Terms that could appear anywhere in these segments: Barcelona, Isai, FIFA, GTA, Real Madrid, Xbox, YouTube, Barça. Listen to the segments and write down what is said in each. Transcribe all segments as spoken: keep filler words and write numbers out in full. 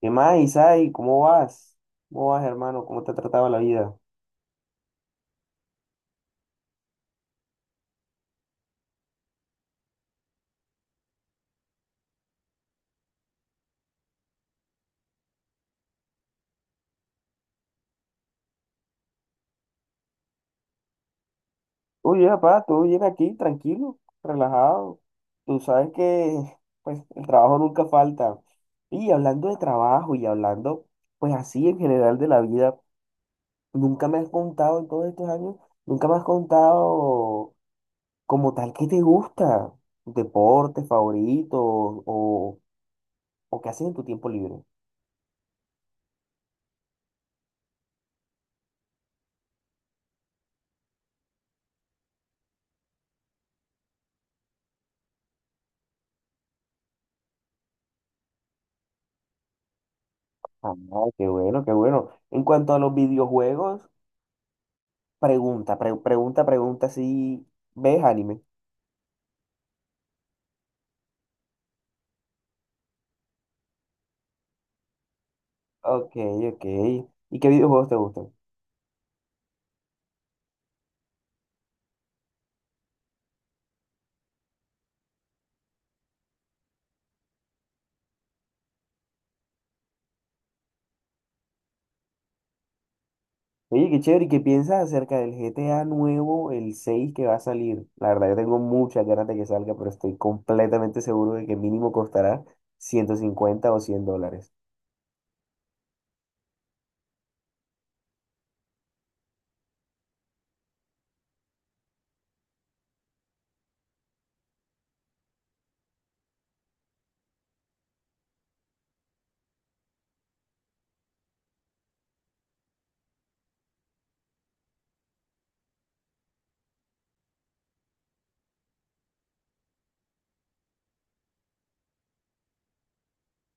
¿Qué más, Isai? ¿Cómo vas? ¿Cómo vas, hermano? ¿Cómo te ha tratado la vida? Uy, papá, todo bien aquí, tranquilo, relajado. Tú sabes que, pues, el trabajo nunca falta. Y hablando de trabajo y hablando, pues, así en general de la vida, nunca me has contado en todos estos años, nunca me has contado como tal qué te gusta, deporte favorito o, o qué haces en tu tiempo libre. Ah, qué bueno, qué bueno. En cuanto a los videojuegos, Pregunta, pre- pregunta, pregunta si ves anime. Ok, ok. ¿Y qué videojuegos te gustan? Oye, qué chévere. ¿Y qué piensas acerca del G T A nuevo, el seis que va a salir? La verdad, yo tengo muchas ganas de que salga, pero estoy completamente seguro de que mínimo costará ciento cincuenta o cien dólares.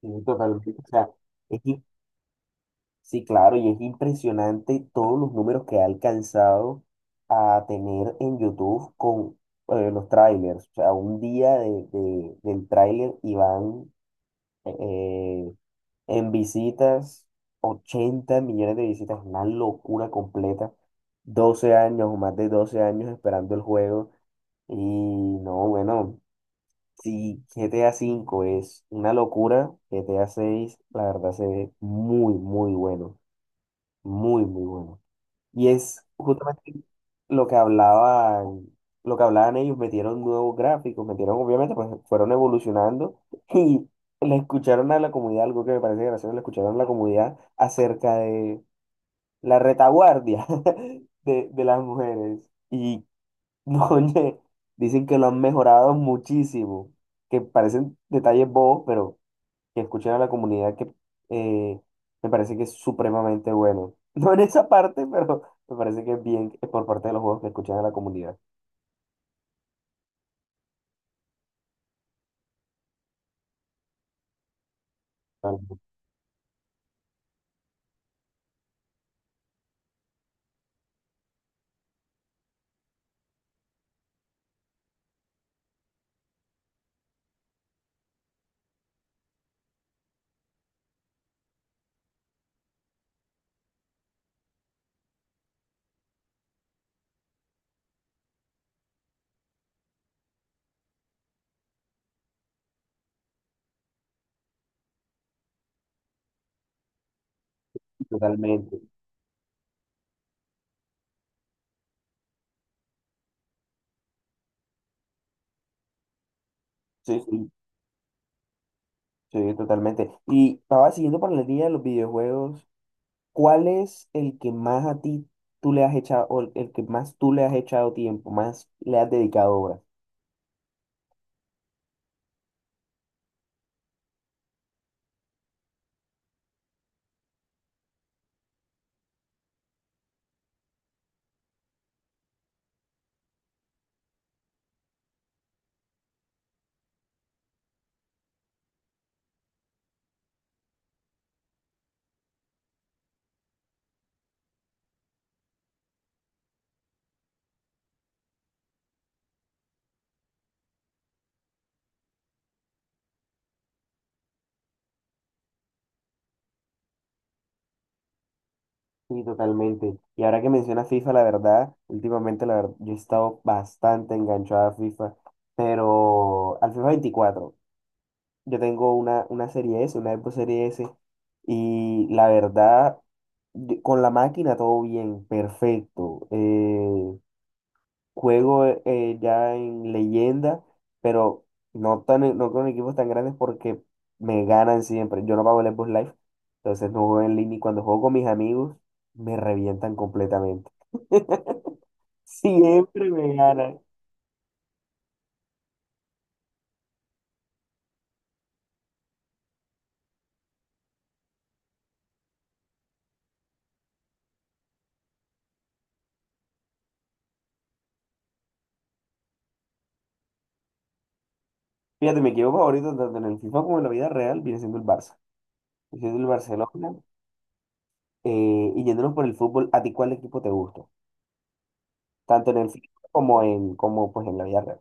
Sí, totalmente. O sea, es sí, claro, y es impresionante todos los números que ha alcanzado a tener en YouTube con eh, los trailers. O sea, un día de, de- del trailer y van eh, en visitas ochenta millones de visitas, una locura completa. Doce años o más de doce años esperando el juego. Y no, bueno, si G T A cinco es una locura, G T A seis la verdad se ve muy, muy bueno. Muy, muy bueno. Y es justamente lo que hablaban, lo que hablaban ellos, metieron nuevos gráficos, metieron, obviamente, pues fueron evolucionando y le escucharon a la comunidad, algo que me parece gracioso, le escucharon a la comunidad acerca de la retaguardia de, de las mujeres. Y no, oye, dicen que lo han mejorado muchísimo, que parecen detalles bobos, pero que escuchen a la comunidad que eh, me parece que es supremamente bueno. No en esa parte, pero me parece que es bien que por parte de los juegos que escuchan a la comunidad. Totalmente. Sí, sí, sí, totalmente. Y estaba siguiendo por la línea de los videojuegos. ¿Cuál es el que más a ti tú le has echado, o el el que más tú le has echado tiempo, más le has dedicado horas? Sí, totalmente. Y ahora que mencionas FIFA, la verdad, últimamente la verdad, yo he estado bastante enganchado a FIFA, pero al FIFA veinticuatro. Yo tengo una, una serie S, una Xbox serie S, y la verdad, yo- con la máquina todo bien, perfecto. Eh, juego eh, eh, ya en leyenda, pero no, tan, no con equipos tan grandes porque me ganan siempre. Yo no pago el Xbox Live, entonces no juego en línea, y cuando juego con mis amigos me revientan completamente. Siempre me ganan. Fíjate, mi equipo favorito tanto en el FIFA como en la vida real viene siendo el Barça. Viene siendo el Barcelona. Eh, y yéndonos por el fútbol, ¿a ti cuál equipo te gusta? Tanto en el fútbol como en, como, pues, en la vida real.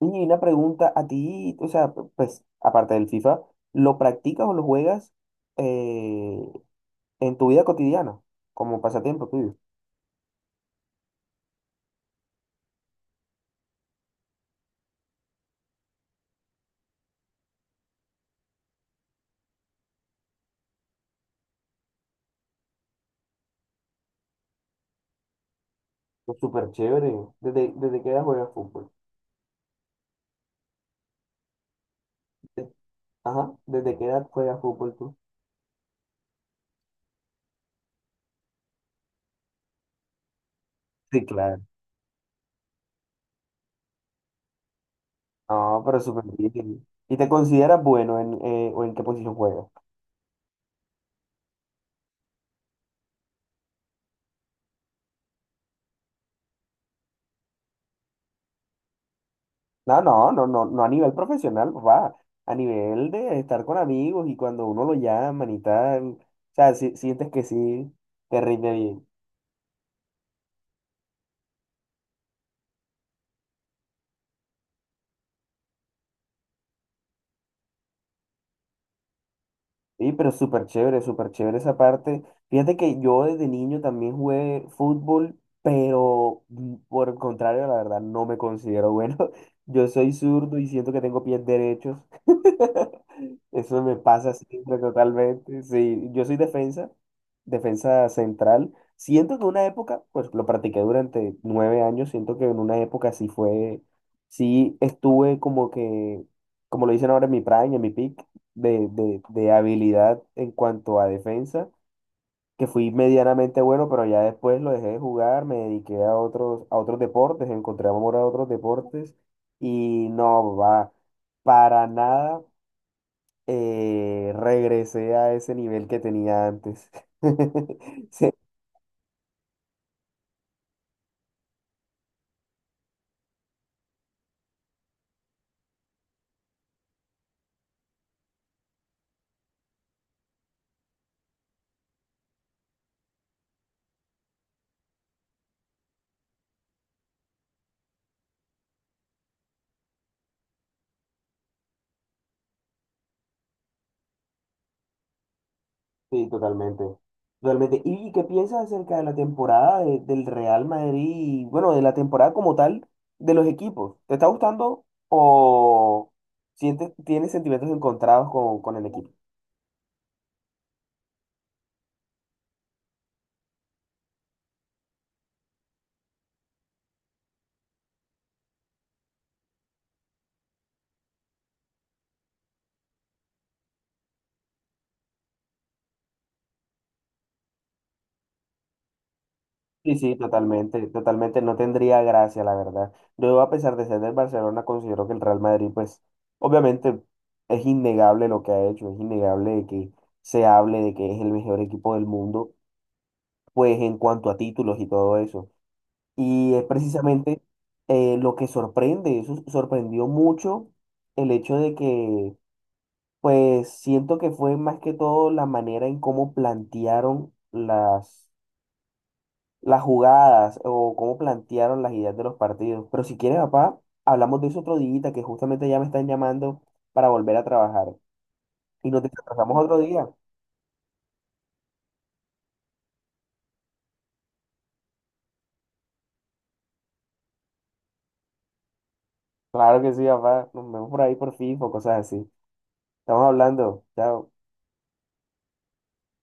Y una pregunta, ¿a ti, o sea, p- pues aparte del FIFA, lo practicas o lo juegas eh, en tu vida cotidiana? Como pasatiempo tuyo. Pues súper chévere. ¿Desde, desde qué edad juegas fútbol? De- Ajá, ¿desde qué edad juegas fútbol tú? Sí, claro. No, pero súper bien. ¿Y te consideras bueno en, eh, o en qué posición juegas? No, no, no, no, no a nivel profesional, va, a nivel de estar con amigos y cuando uno lo llaman y tal, o sea, si, sientes que sí, te rinde bien. Sí, pero súper chévere, súper chévere esa parte. Fíjate que yo desde niño también jugué fútbol, pero mm, por el contrario, la verdad, no me considero bueno. Yo soy zurdo y siento que tengo pies derechos. Eso me pasa siempre totalmente. Sí, yo soy defensa, defensa central. Siento que una época, pues lo practiqué durante nueve años, siento que en una época sí fue, sí estuve como que, como lo dicen ahora en mi prime, en mi peak, de, de- de habilidad en cuanto a defensa, que fui medianamente bueno, pero ya después lo dejé de jugar, me dediqué a otros, a otros deportes, encontré amor a otros deportes y no va, para nada eh, regresé a ese nivel que tenía antes. Se Sí, totalmente. Totalmente. ¿Y qué piensas acerca de la temporada de- del Real Madrid? y, Bueno, de la temporada como tal de los equipos. ¿Te está gustando o sientes, tienes sentimientos encontrados con, con el equipo? Sí, sí, totalmente, totalmente. No tendría gracia, la verdad. Yo, a pesar de ser del Barcelona, considero que el Real Madrid, pues, obviamente es innegable lo que ha hecho, es innegable de que se hable de que es el mejor equipo del mundo, pues en cuanto a títulos y todo eso. Y es precisamente eh, lo que sorprende, eso sorprendió mucho el hecho de que, pues siento que fue más que todo la manera en cómo plantearon las, las jugadas o cómo plantearon las ideas de los partidos. Pero si quieres, papá, hablamos de eso otro día, que justamente ya me están llamando para volver a trabajar. Y nos descansamos otro día. Claro que sí, papá. Nos vemos por ahí por FIFA o cosas así. Estamos hablando. Chao.